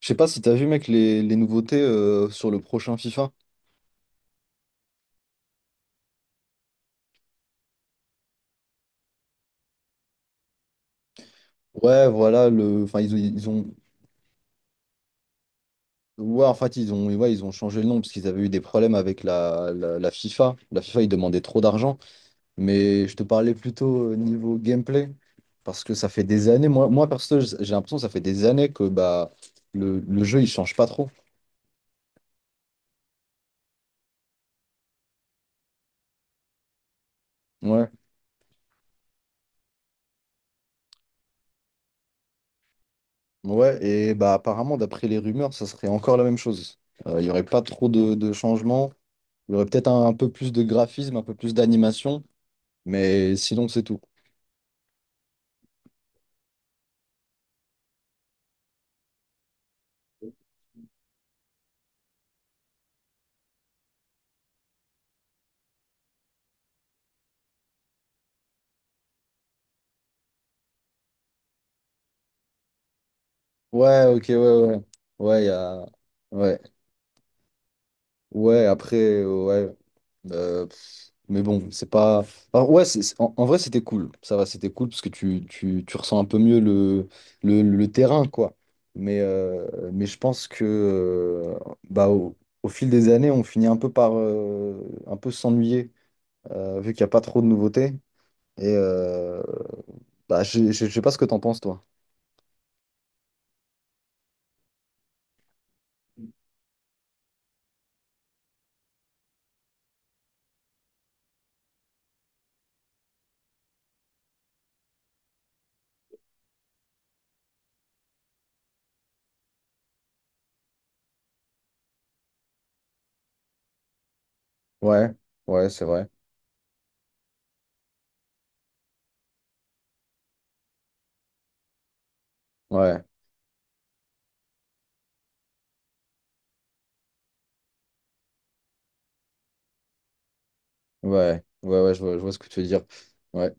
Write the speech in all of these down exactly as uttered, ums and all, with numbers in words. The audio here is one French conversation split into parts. Je sais pas si t'as vu, mec, les, les nouveautés, euh, sur le prochain FIFA. Ouais, voilà, le, enfin, ils, ont- ils ont. Ouais, en fait, ils ont, ouais, ils ont changé le nom parce qu'ils avaient eu des problèmes avec la, la, la FIFA. La FIFA, ils demandaient trop d'argent. Mais je te parlais plutôt euh, niveau gameplay. Parce que ça fait des années, moi, moi perso, j- j'ai l'impression que ça fait des années que bah, le, le jeu, il change pas trop. Ouais. Ouais, et bah apparemment, d'après les rumeurs, ça serait encore la même chose. Euh, Il y aurait pas trop de, de changements. Il y aurait peut-être un un peu plus de graphisme, un peu plus d'animation. Mais sinon, c'est tout. Ouais, ok, ouais, ouais. Ouais, y a... ouais. Ouais, après, euh, ouais. Euh, pff, mais bon, c'est pas. Alors, ouais, c'est, c'est- en, en vrai, c'était cool. Ça va, c'était cool parce que tu, tu, tu ressens un peu mieux le, le, le terrain, quoi. Mais, euh, mais je pense que euh, bah, au, au fil des années, on finit un peu par euh, un peu s'ennuyer, euh, vu qu'il n'y a pas trop de nouveautés. Et euh, bah, je, je, je sais pas ce que t'en penses, toi. Ouais, ouais, c'est vrai. Ouais, ouais, ouais, ouais, je vois, je vois ce que tu veux dire. Ouais.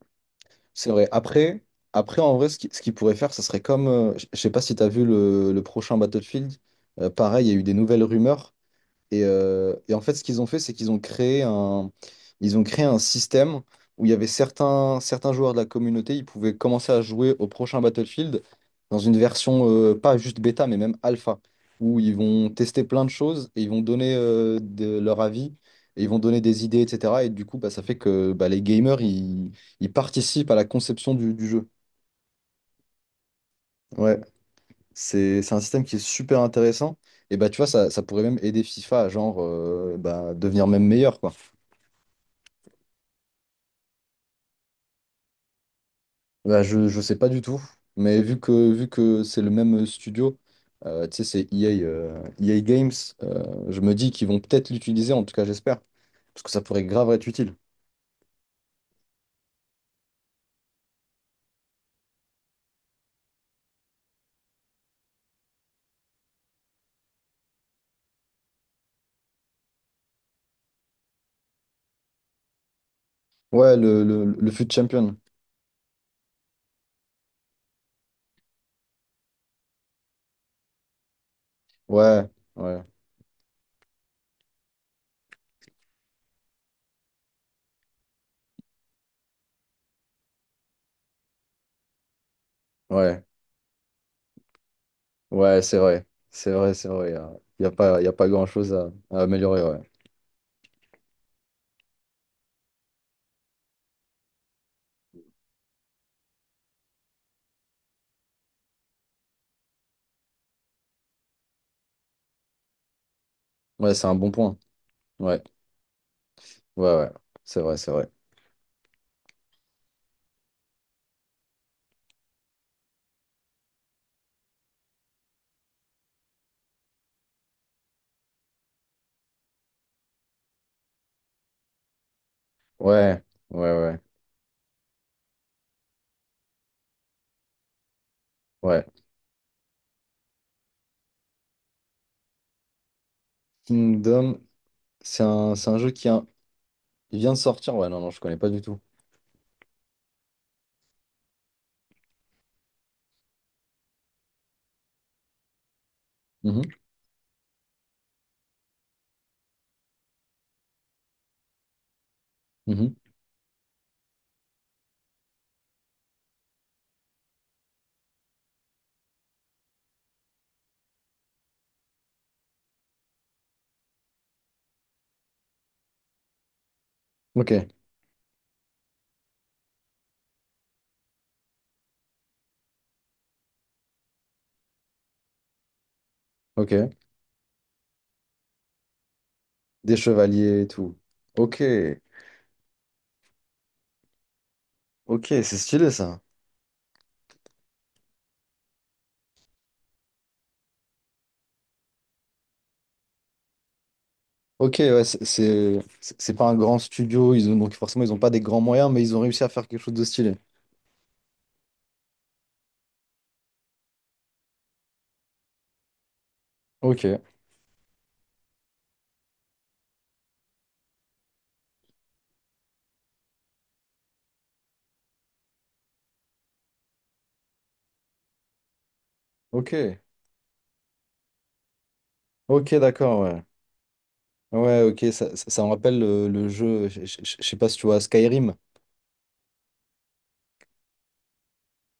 C'est vrai. Après, après en vrai, ce qui- ce qu'ils pourraient faire, ce serait comme. euh, je je sais pas si tu as vu le, le prochain Battlefield. Euh, pareil, il y a eu des nouvelles rumeurs. Et, euh, et en fait, ce qu'ils ont fait, c'est qu'ils ont créé un, ils ont créé un système où il y avait certains, certains joueurs de la communauté, ils pouvaient commencer à jouer au prochain Battlefield dans une version, euh, pas juste bêta, mais même alpha, où ils vont tester plein de choses et ils vont donner, euh, de, leur avis et ils vont donner des idées, et cetera. Et du coup, bah, ça fait que bah, les gamers, ils, ils participent à la conception du, du jeu. Ouais. C'est c'est un système qui est super intéressant. Et bah, tu vois, ça, ça pourrait même aider FIFA à genre, euh, bah, devenir même meilleur, quoi. Bah, je, je sais pas du tout. Mais vu que, vu que c'est le même studio, euh, tu sais, c'est E A, euh, E A Games, euh, je me dis qu'ils vont peut-être l'utiliser, en tout cas, j'espère. Parce que ça pourrait grave être utile. Ouais, le, le, le fut champion. Ouais, ouais, ouais, ouais, c'est vrai. C'est vrai, c'est vrai. Il n'y a, y a pas, y a pas grand-chose à, à améliorer, ouais. Ouais, c'est un bon point. Ouais, ouais, ouais. C'est vrai, c'est vrai. Ouais, ouais, ouais, ouais. Kingdom, c'est un, c'est un jeu qui a- il vient de sortir. Ouais, non, non, je connais pas du tout. Mhm, mhm. Ok, ok. Des chevaliers et tout. Ok, ok, c'est stylé ça. Ok, ouais, c'est c'est- c'est pas un grand studio, ils ont, donc forcément ils ont pas des grands moyens, mais ils ont réussi à faire quelque chose de stylé. Ok, ok, ok, d'accord, ouais. Ouais, ok, ça, ça, ça me rappelle le, le jeu, je je- je- je sais pas si tu vois Skyrim.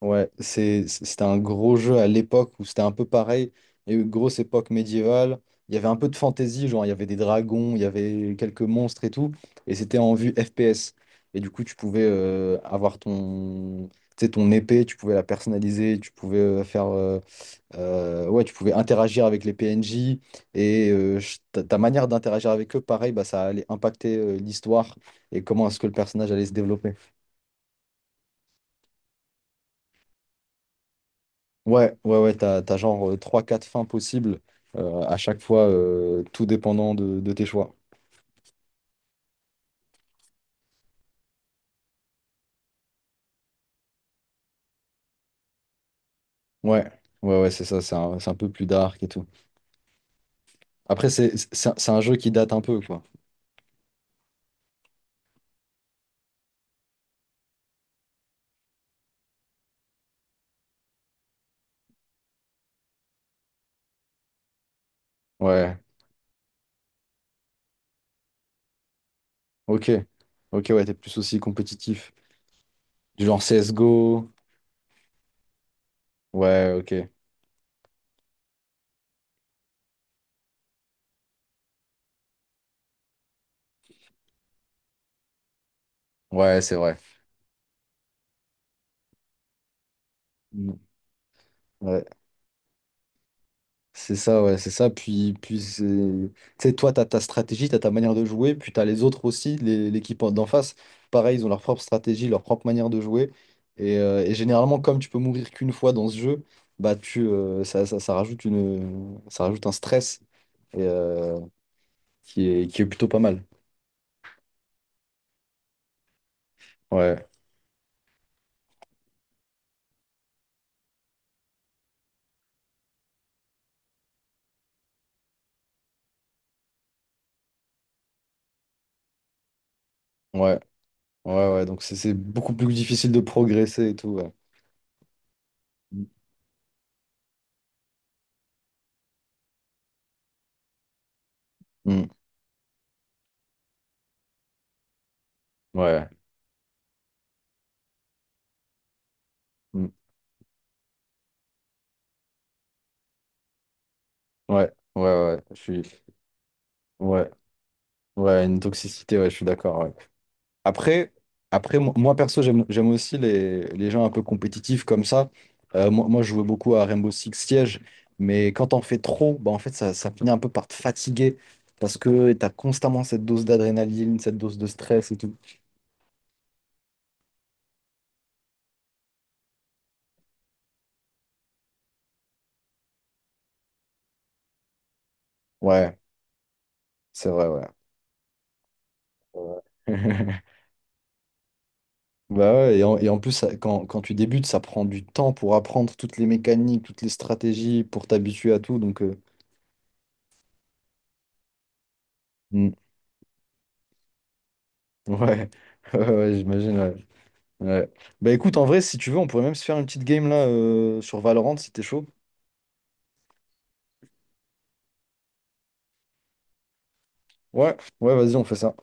Ouais, c'est, c'était un gros jeu à l'époque où c'était un peu pareil. Il y a eu une grosse époque médiévale. Il y avait un peu de fantasy, genre il y avait des dragons, il y avait quelques monstres et tout. Et c'était en vue F P S. Et du coup, tu pouvais, euh, avoir ton, tu sais, ton épée, tu pouvais la personnaliser, tu pouvais, euh, faire euh, Euh, ouais, tu pouvais interagir avec les P N J et, euh, ch- ta, ta manière d'interagir avec eux, pareil, bah, ça allait impacter, euh, l'histoire et comment est-ce que le personnage allait se développer. Ouais, ouais, ouais, t'as, t'as genre, euh, trois quatre fins possibles, euh, à chaque fois, euh, tout dépendant de, de tes choix. Ouais, ouais, ouais, c'est ça, c'est un, c'est un peu plus dark et tout. Après, c'est c'est un c'est un jeu qui date un peu, quoi. Ouais, ok. Ok, ouais, t'es plus aussi compétitif. Du genre C S G O. Ouais, ok. Ouais, c'est vrai. Mm. Ouais. C'est ça, ouais, c'est ça. Puis, puis c'est- tu sais, toi, tu as ta stratégie, tu as ta manière de jouer, puis tu as les autres aussi, les- l'équipe en- d'en face. Pareil, ils ont leur propre stratégie, leur propre manière de jouer. Et, euh, et généralement, comme tu peux mourir qu'une fois dans ce jeu, bah, tu, euh, ça, ça, ça rajoute une, ça rajoute un stress et, euh, qui est, qui est plutôt pas mal. Ouais, ouais, ouais, ouais. Donc, c'est c'est beaucoup plus difficile de progresser et tout. Ouais, Mm. Mm. Ouais, Mm. ouais, ouais, ouais. Je suis... Ouais, ouais, une toxicité, ouais, je suis d'accord. ouais. Après, après mo- moi perso, j'aime j'aime aussi les, les gens un peu compétitifs comme ça. Euh, moi, moi, je jouais beaucoup à Rainbow Six Siege, mais quand t'en fais trop, bah, en fait, ça, ça finit un peu par te fatiguer parce que t'as constamment cette dose d'adrénaline, cette dose de stress et tout. Ouais, c'est vrai, ouais. Ouais. Bah ouais, et en, et en plus, ça- quand, quand tu débutes, ça prend du temps pour apprendre toutes les mécaniques, toutes les stratégies, pour t'habituer à tout. Donc, euh, mm, ouais, ouais, ouais, j'imagine. Ouais. Ouais. Bah écoute, en vrai, si tu veux, on pourrait même se faire une petite game là, euh, sur Valorant si t'es chaud. Ouais, ouais, vas-y, on fait ça.